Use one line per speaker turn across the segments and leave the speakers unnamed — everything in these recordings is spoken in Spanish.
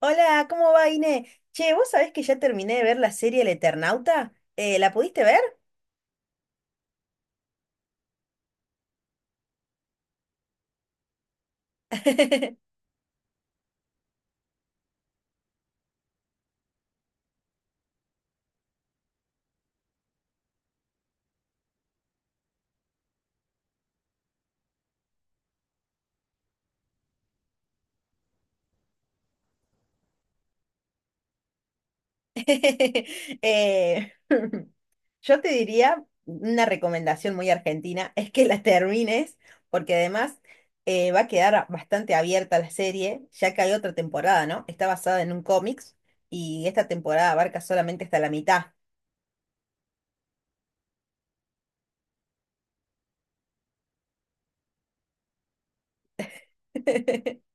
Hola, ¿cómo va, Ine? Che, ¿vos sabés que ya terminé de ver la serie El Eternauta? ¿La pudiste ver? Eh, yo te diría una recomendación muy argentina, es que la termines, porque además va a quedar bastante abierta la serie, ya que hay otra temporada, ¿no? Está basada en un cómics y esta temporada abarca solamente hasta la mitad.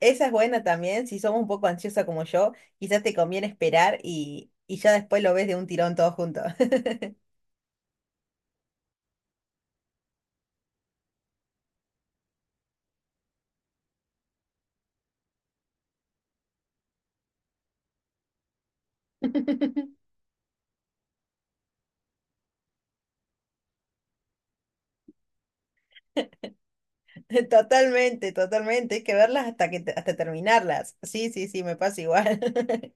Esa es buena también, si somos un poco ansiosa como yo, quizás te conviene esperar y ya después lo ves de un tirón todo junto. Totalmente, totalmente, hay que verlas hasta hasta terminarlas. Sí, sí, sí, me pasa igual.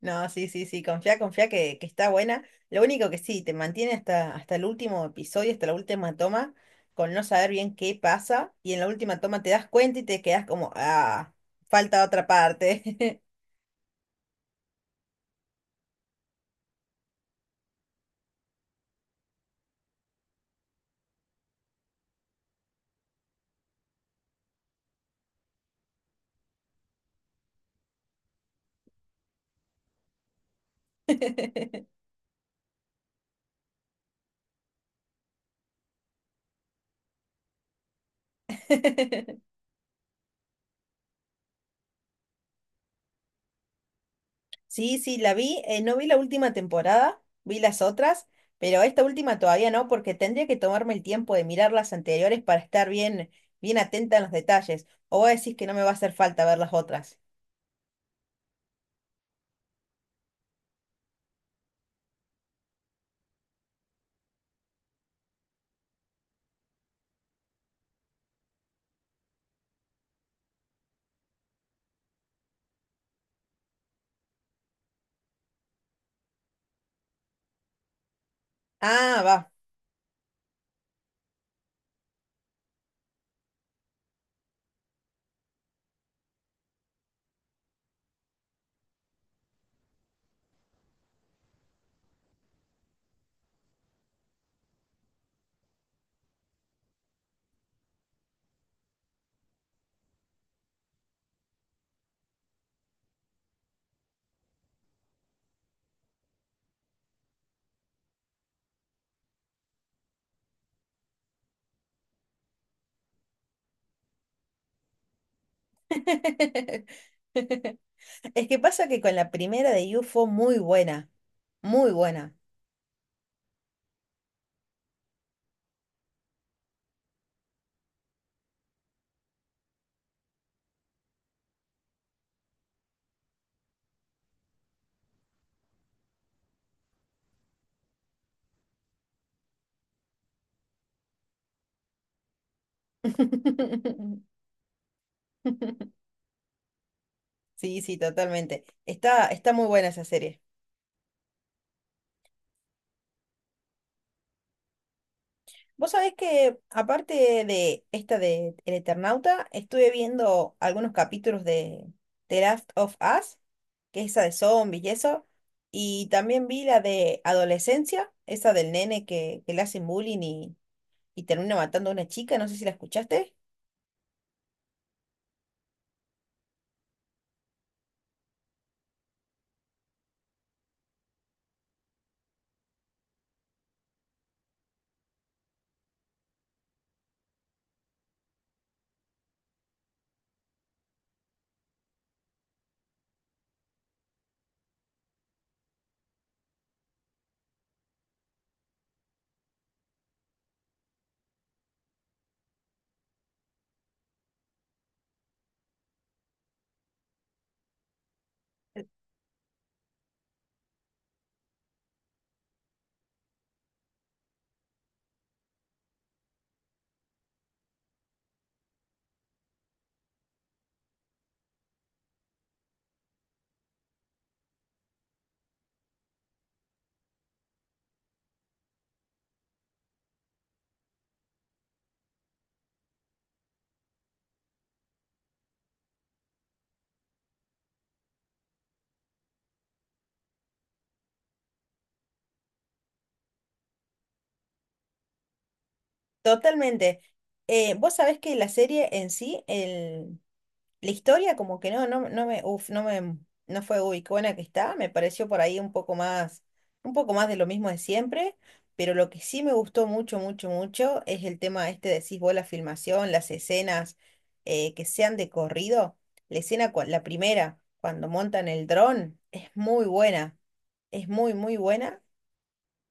No, sí, sí, sí, confía, confía que está buena. Lo único que sí, te mantiene hasta el último episodio, hasta la última toma, con no saber bien qué pasa, y en la última toma te das cuenta y te quedas como, ah, falta otra parte. Sí, sí, la vi. No vi la última temporada, vi las otras, pero esta última todavía no, porque tendría que tomarme el tiempo de mirar las anteriores para estar bien, bien atenta en los detalles. O vos decís que no me va a hacer falta ver las otras. Ah, va. Es que pasa que con la primera de You fue muy buena, muy buena. Sí, sí, totalmente. Está, está muy buena esa serie. Vos sabés que, aparte de esta de El Eternauta, estuve viendo algunos capítulos de The Last of Us, que es esa de zombies y eso, y también vi la de Adolescencia, esa del nene que le hacen bullying y termina matando a una chica, no sé si la escuchaste. Totalmente. Vos sabés que la serie en sí, la historia como que no me, uf, no me, no fue uy, qué buena que está, me pareció por ahí un poco más de lo mismo de siempre, pero lo que sí me gustó mucho es el tema este, decís vos, la filmación, las escenas que sean de corrido, la escena, la primera, cuando montan el dron, es muy buena, es muy buena,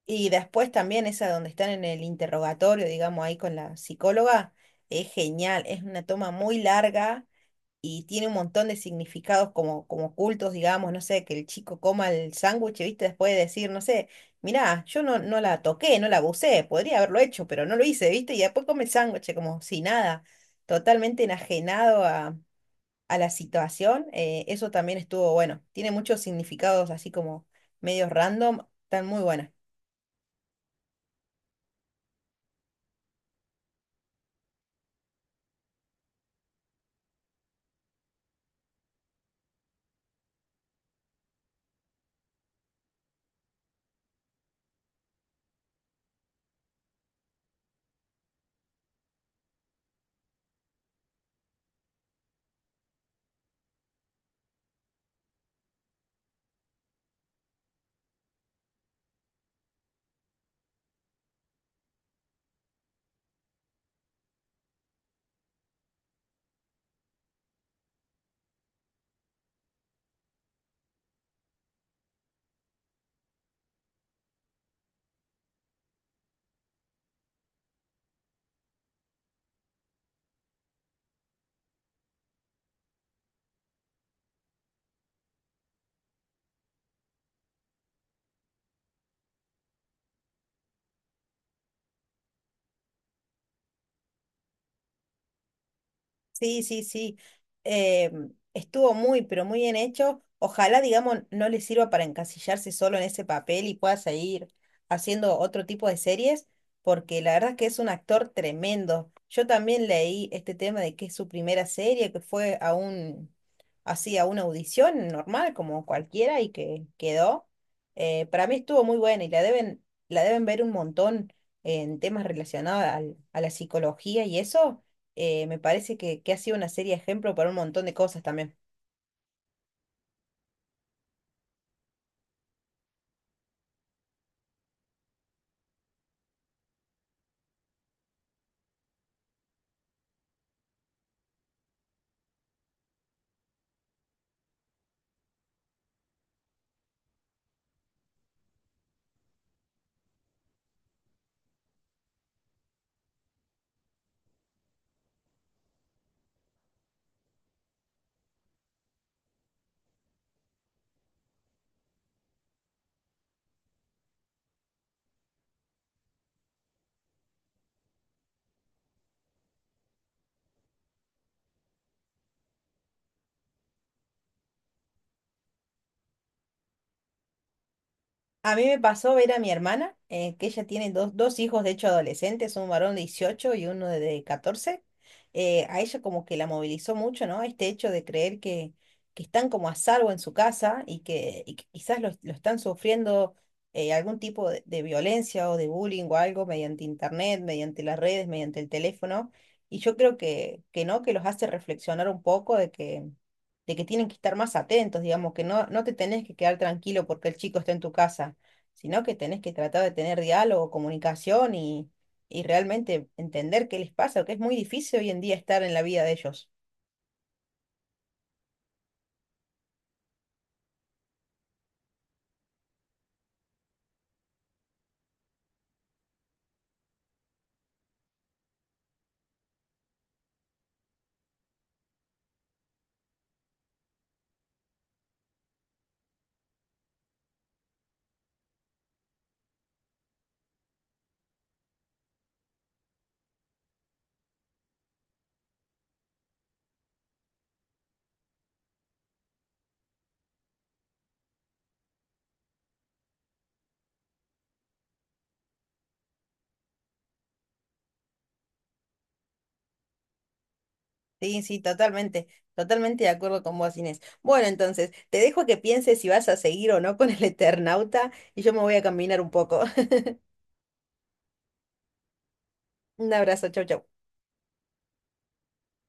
y después también esa donde están en el interrogatorio, digamos, ahí con la psicóloga, es genial, es una toma muy larga y tiene un montón de significados como ocultos, digamos, no sé, que el chico coma el sándwich, ¿viste? Después de decir, no sé, mirá, yo no la toqué, no la abusé, podría haberlo hecho, pero no lo hice, ¿viste? Y después come el sándwich como si nada, totalmente enajenado a la situación. Eso también estuvo bueno, tiene muchos significados así como medios random, están muy buenas. Sí, sí, sí. Eh, estuvo muy, pero muy bien hecho. Ojalá, digamos, no le sirva para encasillarse solo en ese papel y pueda seguir haciendo otro tipo de series, porque la verdad es que es un actor tremendo. Yo también leí este tema de que es su primera serie, que fue a un, así, a una audición normal, como cualquiera, y que quedó. Para mí estuvo muy buena y la deben ver un montón en temas relacionados a la psicología y eso me parece que ha sido una serie de ejemplo para un montón de cosas también. A mí me pasó ver a mi hermana, que ella tiene dos hijos, de hecho adolescentes, un varón de 18 y uno de 14. A ella como que la movilizó mucho, ¿no? Este hecho de creer que están como a salvo en su casa y que quizás lo están sufriendo algún tipo de violencia o de bullying o algo mediante internet, mediante las redes, mediante el teléfono. Y yo creo que no, que los hace reflexionar un poco de que tienen que estar más atentos, digamos, que no, no te tenés que quedar tranquilo porque el chico está en tu casa sino que tenés que tratar de tener diálogo, comunicación y realmente entender qué les pasa, que es muy difícil hoy en día estar en la vida de ellos. Sí, sí, totalmente, totalmente de acuerdo con vos, Inés. Bueno, entonces, te dejo a que pienses si vas a seguir o no con el Eternauta y yo me voy a caminar un poco. Un abrazo, chau, chau.